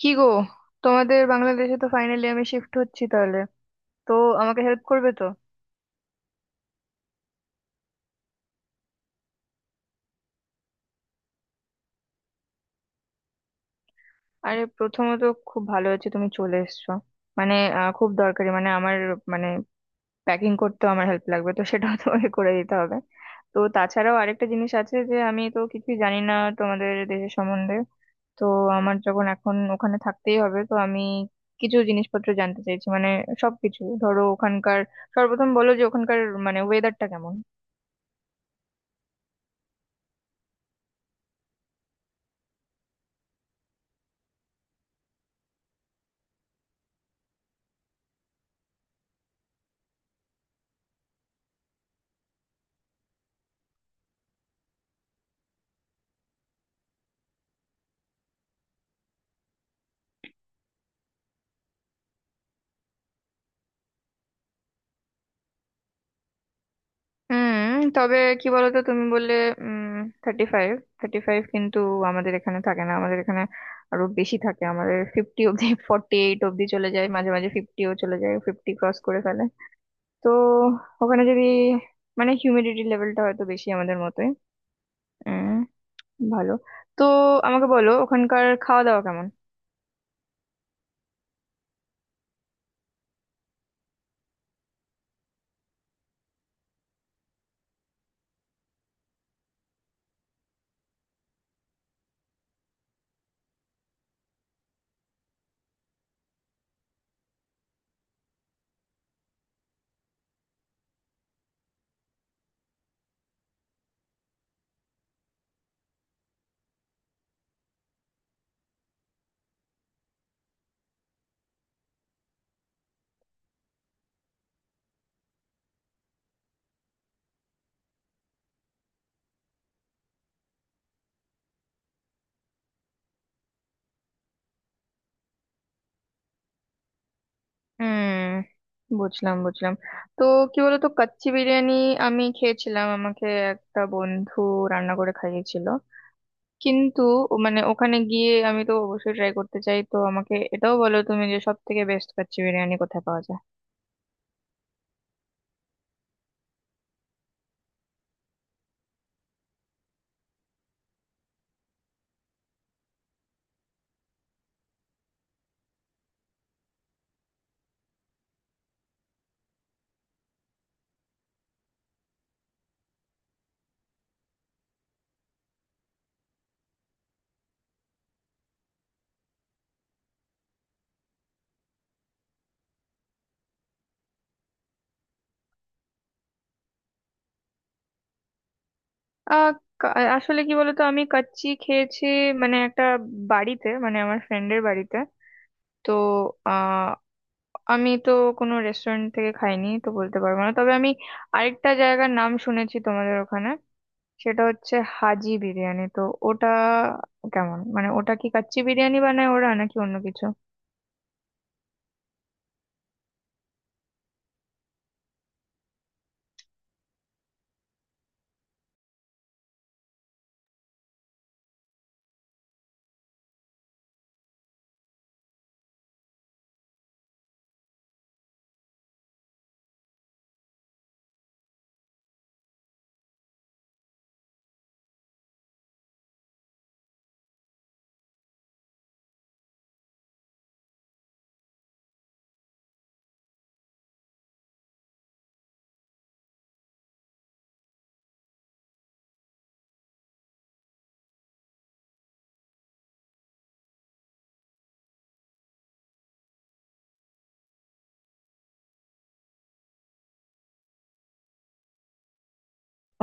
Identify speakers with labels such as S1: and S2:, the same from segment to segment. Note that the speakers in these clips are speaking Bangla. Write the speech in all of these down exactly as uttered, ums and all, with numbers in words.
S1: কি গো, তোমাদের বাংলাদেশে তো ফাইনালি আমি শিফট হচ্ছি তাহলে। তো আমাকে হেল্প করবে তো? আরে প্রথমত খুব ভালো হচ্ছে তুমি চলে এসছো। মানে আহ, খুব দরকারি মানে আমার, মানে প্যাকিং করতে আমার হেল্প লাগবে, তো সেটাও তোমাকে করে দিতে হবে। তো তাছাড়াও আরেকটা জিনিস আছে যে আমি তো কিছুই জানি না তোমাদের দেশের সম্বন্ধে। তো আমার যখন এখন ওখানে থাকতেই হবে, তো আমি কিছু জিনিসপত্র জানতে চাইছি মানে সবকিছু, ধরো ওখানকার। সর্বপ্রথম বলো যে ওখানকার মানে ওয়েদারটা কেমন? হুম। তবে কি বলতো, তুমি বললে um thirty five, thirty five কিন্তু আমাদের এখানে থাকে না। আমাদের এখানে আরো বেশি থাকে, আমাদের ফিফটি অব্দি, ফর্টি এইট অব্দি চলে যায়, মাঝে মাঝে ফিফটিও চলে যায়, ফিফটি ক্রস করে ফেলে। তো ওখানে যদি মানে হিউমিডিটি লেভেলটা হয়তো বেশি আমাদের মতোই। উম ভালো। তো আমাকে বলো ওখানকার খাওয়া দাওয়া কেমন? হুম, বুঝলাম বুঝলাম। তো কি বলতো, কাচ্চি বিরিয়ানি আমি খেয়েছিলাম, আমাকে একটা বন্ধু রান্না করে খাইয়েছিল। কিন্তু ও- মানে ওখানে গিয়ে আমি তো অবশ্যই ট্রাই করতে চাই, তো আমাকে এটাও বলো তুমি যে সব থেকে বেস্ট কাচ্চি বিরিয়ানি কোথায় পাওয়া যায়। আহ কা- আসলে কি বলতো, আমি কাচ্চি খেয়েছি মানে একটা বাড়িতে, মানে আমার ফ্রেন্ডের বাড়িতে। তো আহ আমি তো কোনো রেস্টুরেন্ট থেকে খাইনি, তো বলতে পারবো না। তবে আমি আরেকটা জায়গার নাম শুনেছি তোমাদের ওখানে, সেটা হচ্ছে হাজি বিরিয়ানি। তো ওটা কেমন? মানে ওটা কি কাচ্চি বিরিয়ানি বানায় ওরা নাকি অন্য কিছু?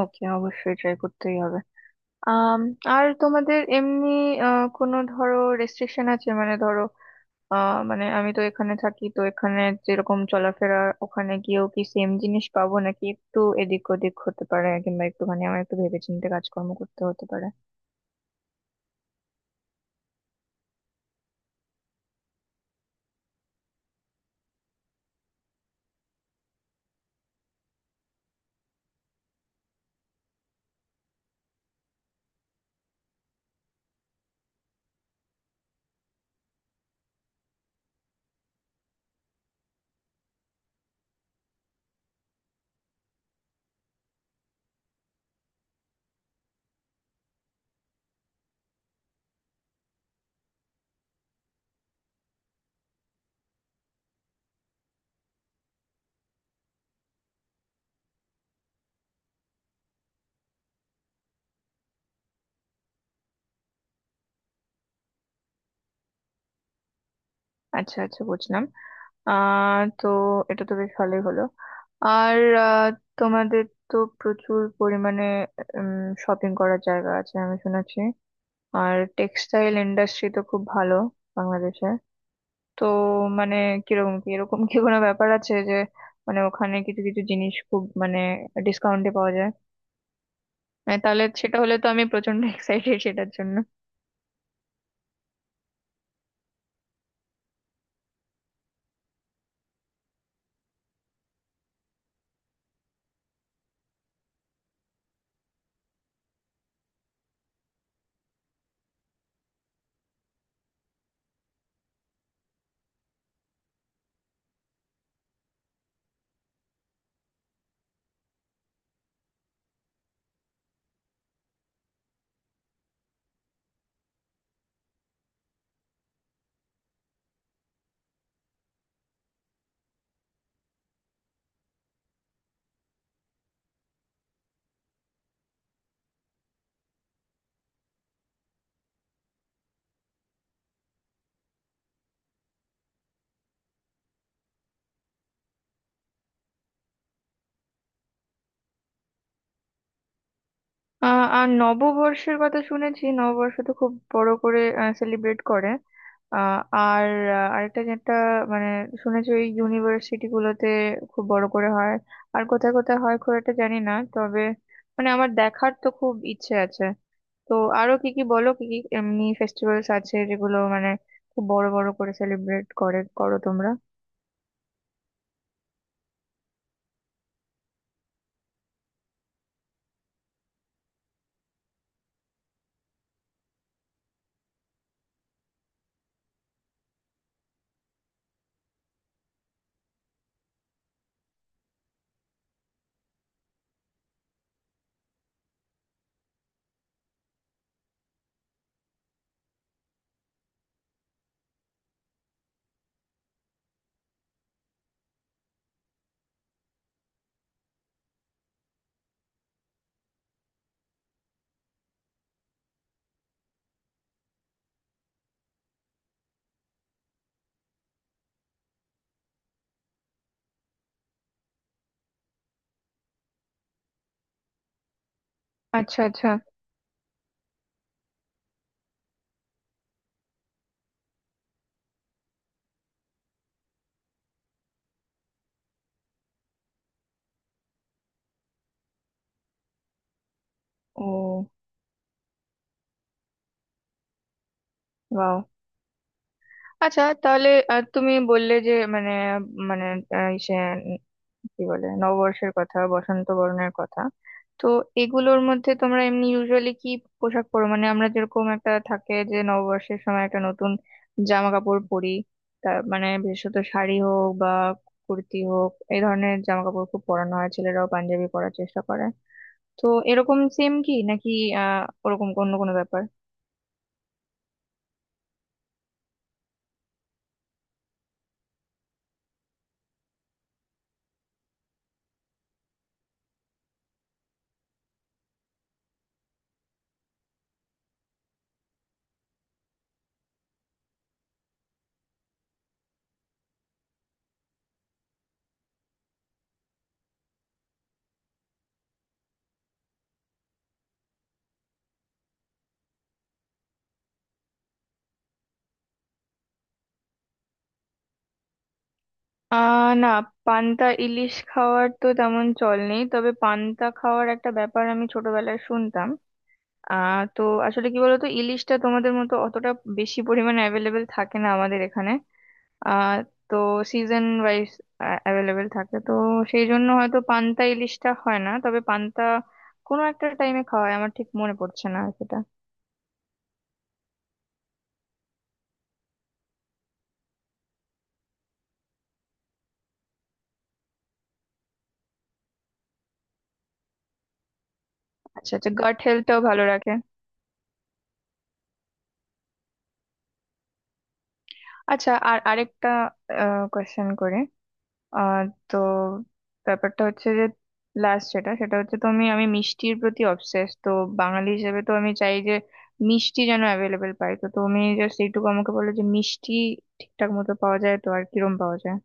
S1: ওকে, অবশ্যই ট্রাই করতেই হবে। আম, আর তোমাদের এমনি আহ, কোনো ধরো রেস্ট্রিকশন আছে? মানে ধরো আহ, মানে আমি তো এখানে থাকি, তো এখানে যেরকম চলাফেরা, ওখানে গিয়েও কি সেম জিনিস পাবো, নাকি একটু এদিক ওদিক হতে পারে, কিংবা একটুখানি আমার একটু ভেবেচিন্তে কাজকর্ম করতে হতে পারে? আচ্ছা আচ্ছা, বুঝলাম। আহ তো এটা তো বেশ ভালোই হলো। আর আহ, তোমাদের তো প্রচুর পরিমাণে শপিং করার জায়গা আছে আমি শুনেছি, আর টেক্সটাইল ইন্ডাস্ট্রি তো খুব ভালো বাংলাদেশে। তো মানে কিরকম কি, এরকম কি কোনো ব্যাপার আছে যে মানে ওখানে কিছু কিছু জিনিস খুব মানে ডিসকাউন্টে পাওয়া যায়? মানে তাহলে সেটা হলে তো আমি প্রচন্ড এক্সাইটেড সেটার জন্য। আহ আর নববর্ষের কথা শুনেছি, নববর্ষ তো খুব বড় করে সেলিব্রেট করে। আহ আর আহ, আরেকটা যেটা মানে শুনেছি, ওই ইউনিভার্সিটি গুলোতে খুব বড় করে হয়। আর কোথায় কোথায় হয় খুব একটা জানি না, তবে মানে আমার দেখার তো খুব ইচ্ছে আছে। তো আরো কি কি বলো, কি কি এমনি ফেস্টিভ্যালস আছে যেগুলো মানে খুব বড় বড় করে সেলিব্রেট করে করো তোমরা? আচ্ছা আচ্ছা। ও। বাহ। আচ্ছা তাহলে আহ, তুমি বললে যে মানে, মানে আহ, সে কি বলে, নববর্ষের কথা, বসন্ত বরণের কথা। তো এগুলোর মধ্যে তোমরা এমনি ইউজুয়ালি কি পোশাক পরো? মানে আমরা যেরকম একটা থাকে যে নববর্ষের সময় একটা নতুন জামা কাপড় পরি, তা মানে বিশেষত শাড়ি হোক বা কুর্তি হোক এই ধরনের জামা কাপড় খুব পরানো হয়, ছেলেরাও পাঞ্জাবি পরার চেষ্টা করে। তো এরকম সেম কি নাকি আহ ওরকম অন্য কোনো ব্যাপার? আহ না, পান্তা ইলিশ খাওয়ার তো তেমন চল নেই, তবে পান্তা খাওয়ার একটা ব্যাপার আমি ছোটবেলায় শুনতাম। আহ তো আসলে কি বলতো, ইলিশটা তোমাদের মতো অতটা বেশি পরিমাণে অ্যাভেলেবেল থাকে না আমাদের এখানে। আহ তো সিজন ওয়াইজ অ্যাভেলেবেল থাকে, তো সেই জন্য হয়তো পান্তা ইলিশটা হয় না। তবে পান্তা কোনো একটা টাইমে খাওয়া হয়, আমার ঠিক মনে পড়ছে না সেটা। আচ্ছা আচ্ছা, গাট হেলথটাও ভালো রাখে। আচ্ছা, আর আরেকটা কোয়েশ্চেন করে আহ তো, ব্যাপারটা হচ্ছে যে লাস্ট যেটা সেটা হচ্ছে, তো আমি আমি মিষ্টির প্রতি অবসেস তো। বাঙালি হিসেবে তো আমি চাই যে মিষ্টি যেন অ্যাভেলেবেল পাই, তো তুমি জাস্ট এইটুকু আমাকে বলো যে মিষ্টি ঠিকঠাক মতো পাওয়া যায় তো, আর কিরম পাওয়া যায়?